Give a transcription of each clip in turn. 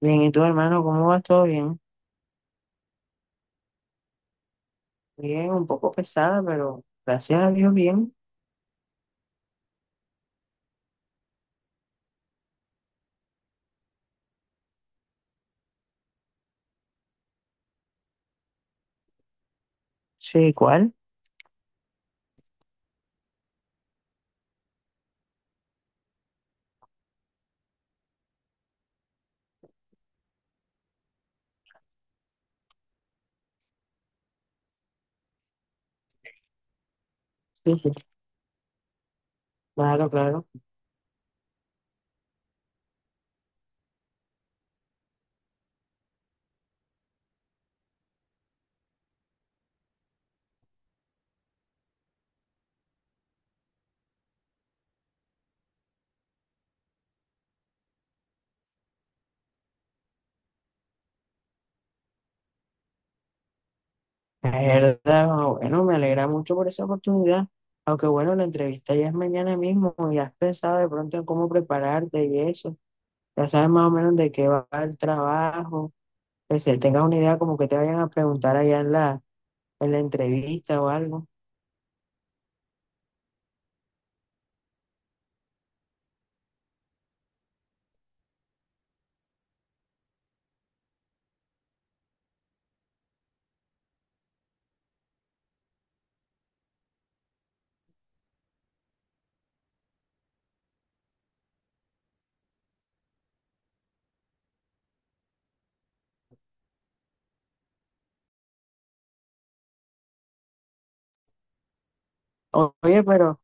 Bien, ¿y tú, hermano, cómo va? ¿Todo bien? Bien, un poco pesada, pero gracias a Dios bien. Sí, igual. Sí, sí. Claro, claro. Es verdad, bueno, me alegra mucho por esa oportunidad. Aunque bueno, la entrevista ya es mañana mismo y has pensado de pronto en cómo prepararte y eso. Ya sabes más o menos de qué va el trabajo. Que se tengas una idea como que te vayan a preguntar allá en la entrevista o algo. Oye, pero...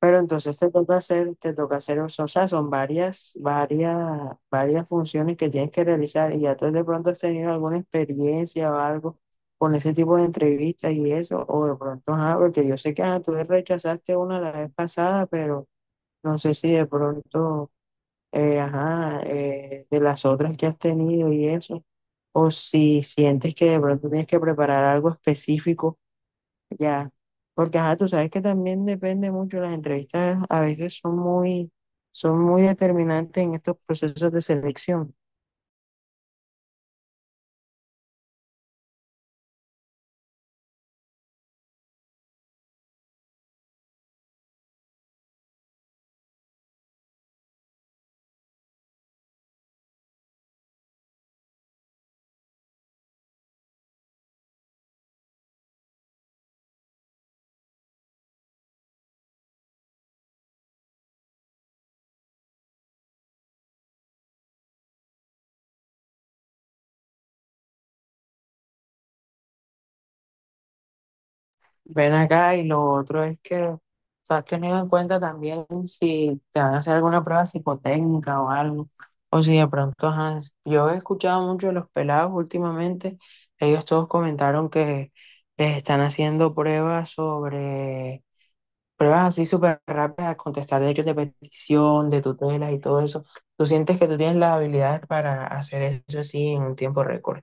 Pero entonces te toca hacer, o sea, son varias funciones que tienes que realizar y ya tú de pronto has tenido alguna experiencia o algo con ese tipo de entrevistas y eso, o de pronto, ajá, porque yo sé que ajá, tú rechazaste una la vez pasada, pero no sé si de pronto, ajá, de las otras que has tenido y eso, o si sientes que de pronto tienes que preparar algo específico ya, porque ajá, tú sabes que también depende mucho, las entrevistas a veces son muy determinantes en estos procesos de selección. Ven acá y lo otro es que, o sea, has tenido en cuenta también si te van a hacer alguna prueba psicotécnica o algo, o si de pronto, ajá, yo he escuchado mucho de los pelados últimamente, ellos todos comentaron que les están haciendo pruebas sobre pruebas así súper rápidas, a contestar derechos de petición, de tutelas y todo eso. ¿Tú sientes que tú tienes las habilidades para hacer eso así en un tiempo récord?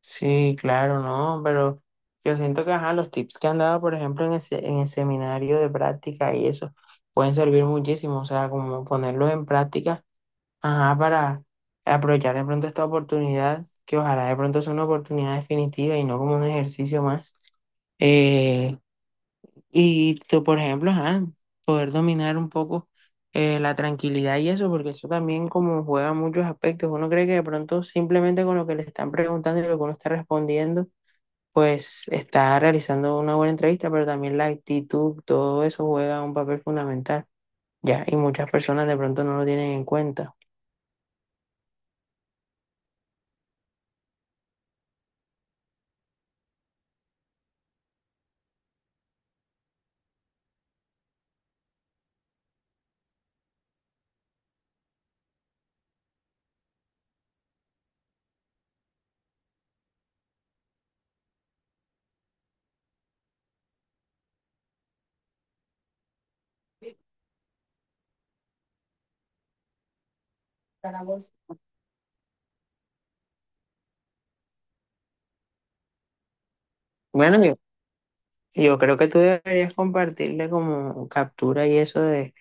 Sí, claro, no, pero yo siento que ajá, los tips que han dado, por ejemplo, en en el seminario de práctica y eso, pueden servir muchísimo, o sea, como ponerlo en práctica, ajá, para aprovechar de pronto esta oportunidad, que ojalá de pronto sea una oportunidad definitiva y no como un ejercicio más. Eh, Y tú, por ejemplo, ajá, poder dominar un poco la tranquilidad y eso, porque eso también como juega muchos aspectos. Uno cree que de pronto simplemente con lo que le están preguntando y lo que uno está respondiendo, pues está realizando una buena entrevista, pero también la actitud, todo eso juega un papel fundamental, ya, y muchas personas de pronto no lo tienen en cuenta. Para vos. Bueno, yo, yo creo que tú deberías compartirle como captura y eso de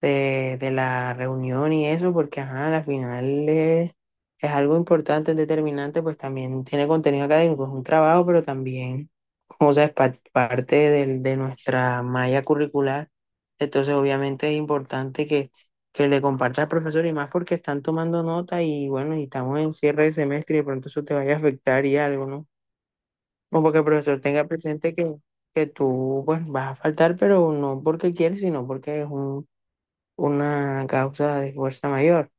de la reunión y eso, porque ajá, al final es algo importante, es determinante, pues también tiene contenido académico, es un trabajo, pero también, o sea, es parte de nuestra malla curricular. Entonces, obviamente es importante que le compartas al profesor y más porque están tomando nota y bueno, y estamos en cierre de semestre y de pronto eso te vaya a afectar y algo, ¿no? No porque el profesor tenga presente que tú pues vas a faltar, pero no porque quieres, sino porque es un una causa de fuerza mayor.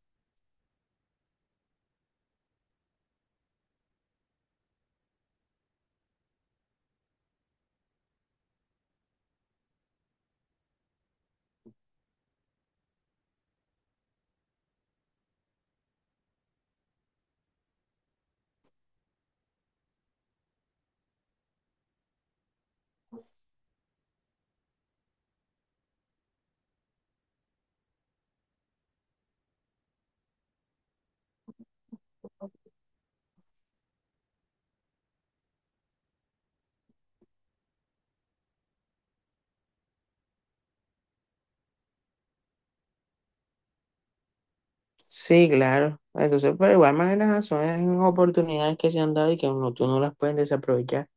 Sí, claro. Entonces, pero de igual manera son oportunidades que se han dado y que uno, tú no las puedes desaprovechar.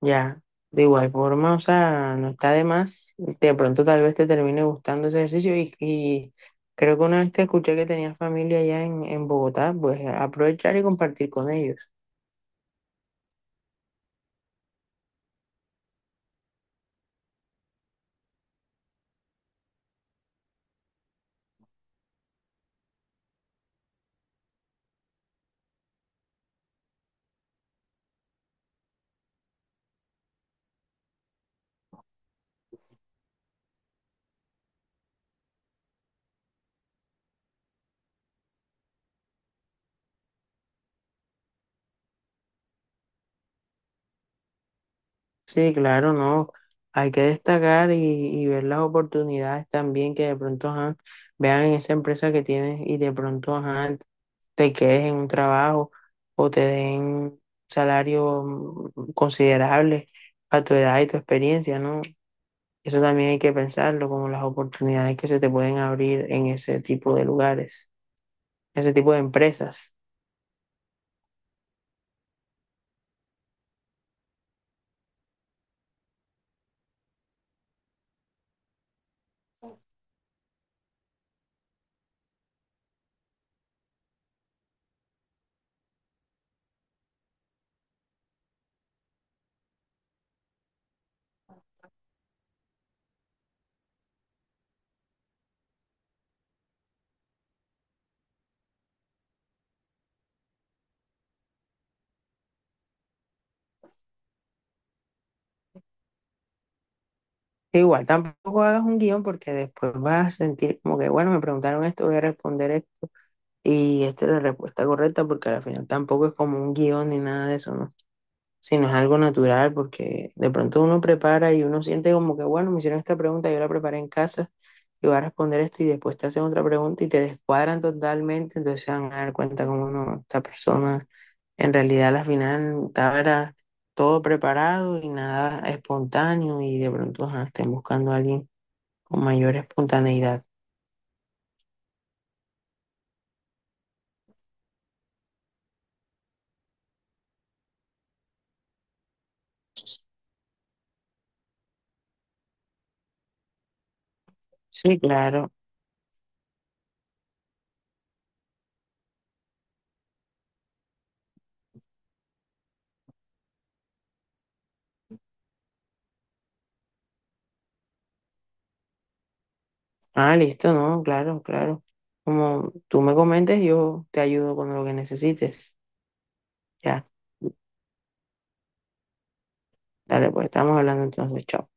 Ya, de igual forma, o sea, no está de más. De pronto tal vez te termine gustando ese ejercicio y creo que una vez te escuché que tenías familia allá en Bogotá, pues aprovechar y compartir con ellos. Sí, claro, no. Hay que destacar y ver las oportunidades también que de pronto ajá, vean en esa empresa que tienes y de pronto ajá, te quedes en un trabajo o te den un salario considerable a tu edad y tu experiencia, ¿no? Eso también hay que pensarlo, como las oportunidades que se te pueden abrir en ese tipo de lugares, ese tipo de empresas. Igual, tampoco hagas un guión porque después vas a sentir como que, bueno, me preguntaron esto, voy a responder esto y esta es la respuesta correcta porque al final tampoco es como un guión ni nada de eso, ¿no? Si no es algo natural, porque de pronto uno prepara y uno siente como que, bueno, me hicieron esta pregunta, yo la preparé en casa y voy a responder esto y después te hacen otra pregunta y te descuadran totalmente, entonces se van a dar cuenta como no, esta persona en realidad a la final estaba todo preparado y nada espontáneo y de pronto ajá, estén buscando a alguien con mayor espontaneidad. Sí, claro. Ah, listo, no, claro, claro. Como tú me comentes, yo te ayudo con lo que necesites. Ya. Dale, pues estamos hablando entonces, chao.